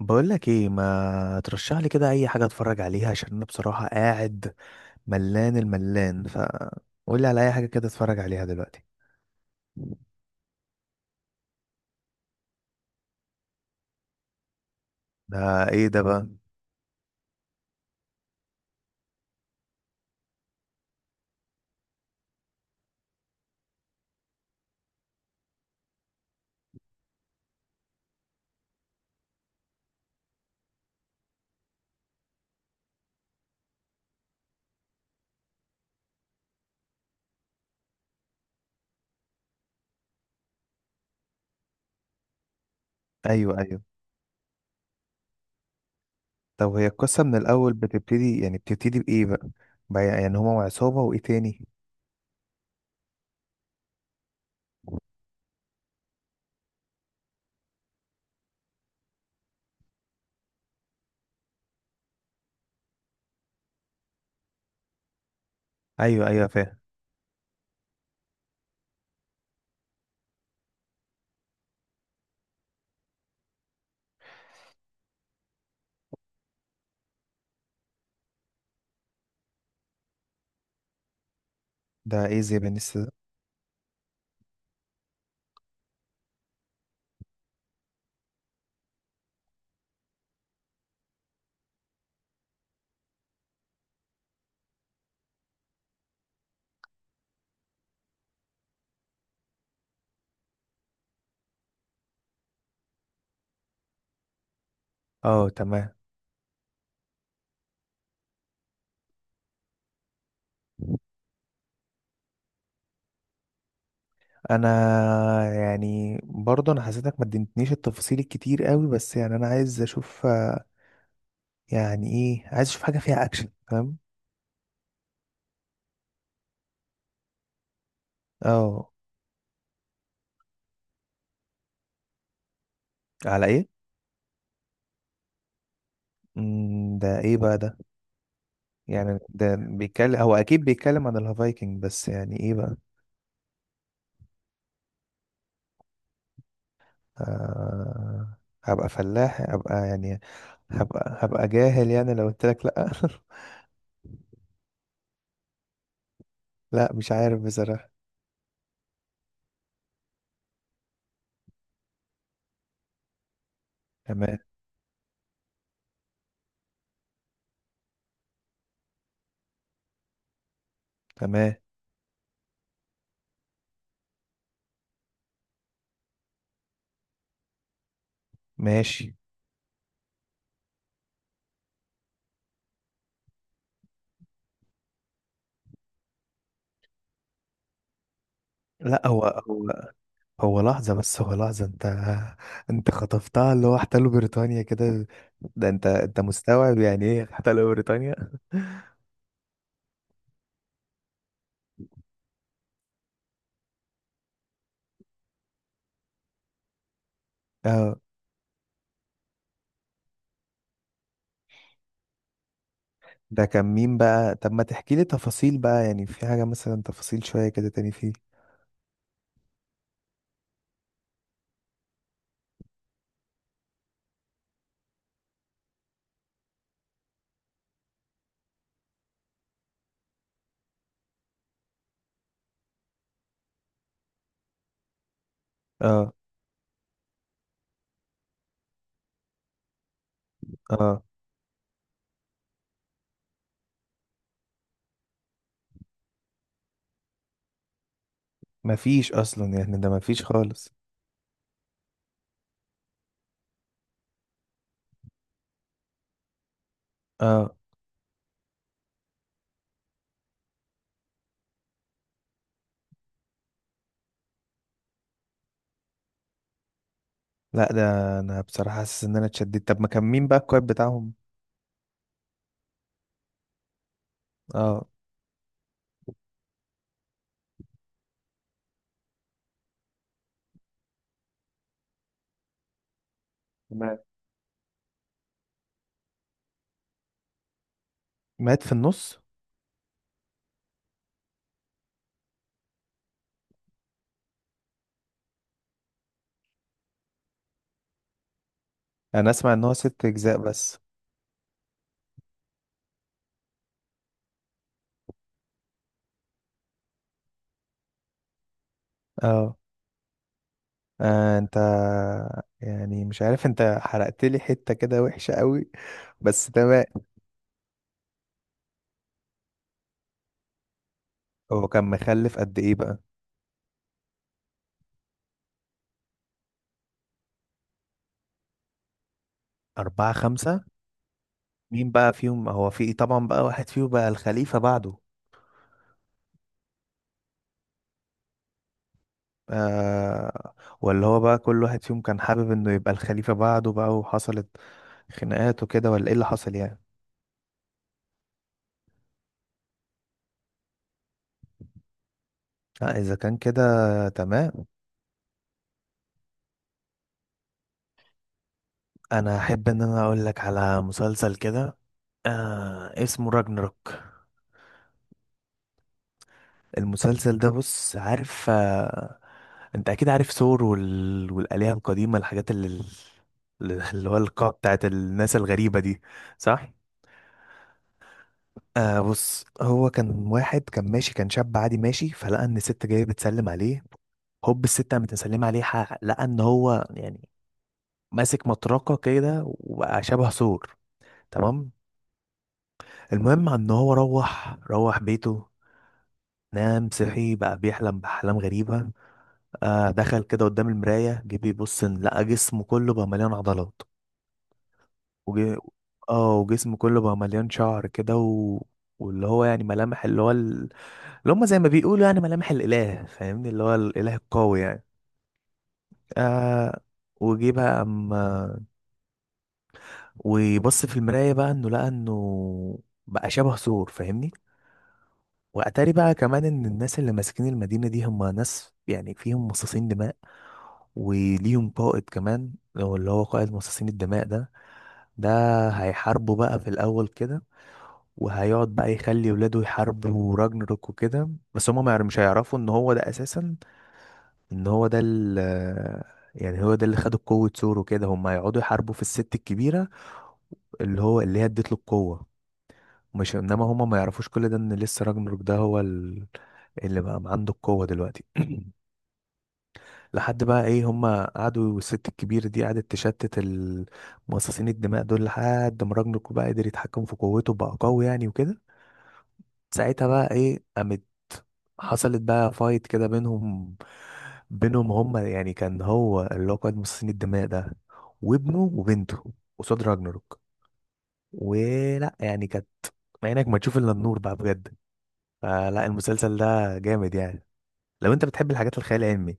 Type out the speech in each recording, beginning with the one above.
بقول لك ايه، ما ترشح لي كده اي حاجه اتفرج عليها؟ عشان انا بصراحه قاعد ملان الملان ف قول لي على اي حاجه كده اتفرج عليها دلوقتي. ده ايه ده بقى؟ ايوه، ايوه. طب هي القصه من الاول بتبتدي، يعني بتبتدي بايه بقى؟ يعني هما وعصابه وايه تاني؟ ايوه، ايوه، فاهم. ده ايه زي بنس ده؟ اه، تمام. انا، يعني برضه انا حسيتك ما اديتنيش التفاصيل الكتير قوي، بس يعني انا عايز اشوف، يعني ايه، عايز اشوف حاجه فيها اكشن، فاهم؟ اه. على ايه؟ ده ايه بقى ده؟ يعني ده بيتكلم، هو اكيد بيتكلم عن الهافايكنج، بس يعني ايه بقى؟ آه. هبقى فلاح، هبقى يعني. هبقى جاهل يعني، لو قلت لك لا. لا، مش عارف بصراحة. تمام. تمام، ماشي. لا، هو لحظة، بس هو لحظة، انت خطفتها اللي هو احتلوا بريطانيا كده. ده انت مستوعب يعني ايه احتلوا بريطانيا؟ اه. ده كان مين بقى؟ طب ما تحكي لي تفاصيل بقى، يعني في حاجة مثلا تفاصيل شوية كده تاني فيه. اه. اه، مفيش اصلا يعني، ده مفيش خالص. اه. لا، ده انا بصراحة حاسس ان انا اتشددت. طب ما كان مين بقى الكويب بتاعهم؟ اه، تمام. مات في النص؟ انا اسمع ان هو ست اجزاء بس. اه. انت، يعني مش عارف، انت حرقت لي حتة كده وحشة قوي، بس تمام. هو كان مخلف قد ايه بقى؟ أربعة، خمسة؟ مين بقى فيهم، هو في طبعا بقى واحد فيهم بقى الخليفة بعده؟ آه. ولا هو بقى كل واحد فيهم كان حابب انه يبقى الخليفة بعده بقى، وحصلت خناقات وكده، ولا ايه اللي حصل يعني؟ لا، اذا كان كده تمام. انا احب ان انا اقول لك على مسلسل كده. اسمه راجنروك. المسلسل ده، بص، عارف، انت اكيد عارف ثور والآلهة القديمة، الحاجات اللي هو القاع بتاعت الناس الغريبة دي، صح؟ آه، بص، هو كان واحد كان ماشي، كان شاب عادي ماشي، فلقى ان الست جايه بتسلم عليه. هوب الست قامت مسلمه عليه، حق لقى ان هو، يعني، ماسك مطرقه كده وبقى شبه سور. تمام. المهم ان هو روح بيته، نام، صحي بقى بيحلم بأحلام غريبة. دخل كده قدام المراية، جه بيبص، إن لقى جسمه كله بقى مليان عضلات وجه. اه، وجسمه كله بقى مليان شعر كده واللي هو، يعني، ملامح اللي هو اللي هم زي ما بيقولوا، يعني ملامح الإله، فاهمني؟ اللي هو الإله القوي يعني. آه. وجي بقى أما ويبص في المراية بقى، إنه لقى إنه بقى شبه ثور، فاهمني؟ وأتاري بقى كمان إن الناس اللي ماسكين المدينة دي هم ناس، يعني فيهم مصاصين دماء، وليهم قائد كمان، هو اللي هو قائد مصاصين الدماء ده. ده هيحاربوا بقى في الأول كده، وهيقعد بقى يخلي ولاده يحاربوا راجنروك وكده. بس هما ما يعرف- مش هيعرفوا ان هو ده اساسا، ان هو ده يعني هو ده اللي خد قوة سور، وكده هم هيقعدوا يحاربوا في الست الكبيرة، اللي هو اللي هي اديت له القوة. مش انما هما ما يعرفوش كل ده، ان لسه راجنروك ده هو اللي بقى عنده القوة دلوقتي. لحد بقى ايه، هما قعدوا والست الكبيرة دي قعدت تشتت المصاصين الدماء دول لحد ما راجنروك بقى قدر يتحكم في قوته بقى قوي يعني وكده. ساعتها بقى ايه، قامت حصلت بقى فايت كده بينهم هما، يعني كان هو اللي هو قائد مصاصين الدماء ده وابنه وبنته قصاد راجناروك، ولا يعني كانت عينك ما تشوف الا النور بقى بجد. فلا، المسلسل ده جامد يعني، لو انت بتحب الحاجات الخيال العلمي.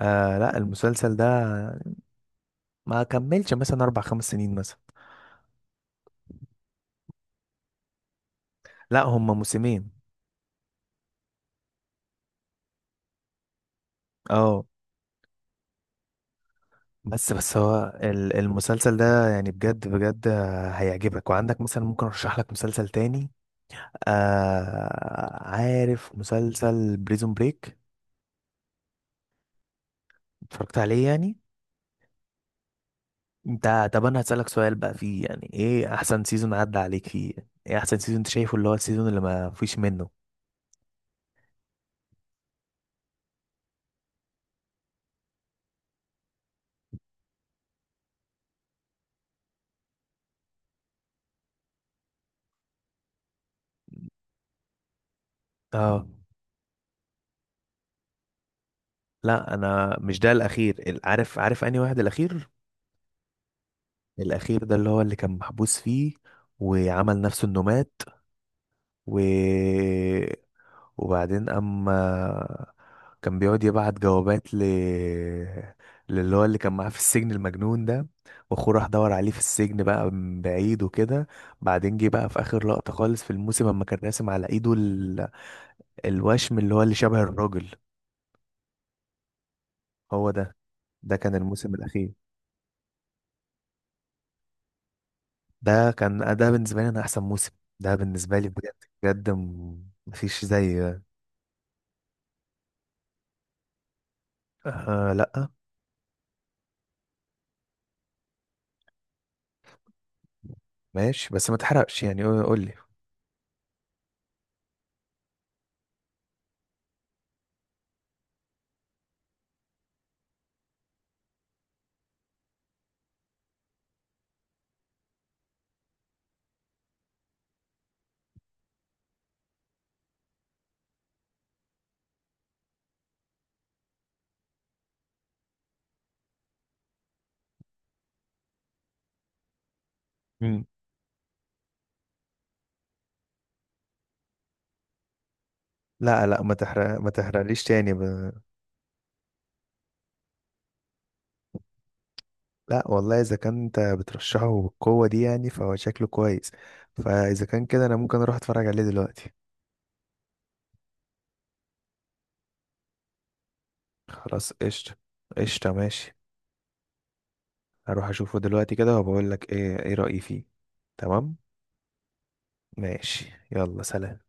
لا، المسلسل ده ما كملش مثلا اربع، خمس سنين مثلا. لا، هما موسمين. اه. بس هو المسلسل ده يعني بجد بجد هيعجبك. وعندك مثلا ممكن ارشح لك مسلسل تاني. عارف مسلسل بريزون بريك؟ اتفرجت عليه يعني؟ انت، طب انا هسألك سؤال بقى فيه، يعني ايه احسن سيزون عدى عليك فيه؟ ايه احسن سيزون انت شايفه، اللي هو السيزون اللي ما فيش منه؟ اه. لا، انا مش ده الاخير. عارف انهي واحد الاخير. الاخير ده اللي هو اللي كان محبوس فيه وعمل نفسه انه مات، و وبعدين اما كان بيقعد يبعت جوابات للي هو اللي كان معاه في السجن المجنون ده، واخوه راح دور عليه في السجن بقى من بعيد وكده. بعدين جه بقى في اخر لقطة خالص في الموسم اما كان راسم على ايده الوشم اللي هو اللي شبه الراجل. هو ده. ده كان الموسم الاخير. ده كان، ده بالنسبة لي، انا احسن موسم، ده بالنسبة لي بجد. بجد، مفيش زي ده. آه، لا، ماشي، بس ما تحرقش يعني، قول لي. لا، لا، ما تحرقليش تاني لا والله، اذا كان انت بترشحه بالقوه دي يعني فهو شكله كويس. فاذا كان كده انا ممكن اروح اتفرج عليه دلوقتي. خلاص قشطه. قشطه، ماشي. هروح اشوفه دلوقتي كده وبقول لك ايه، ايه رايي فيه. تمام، ماشي، يلا، سلام.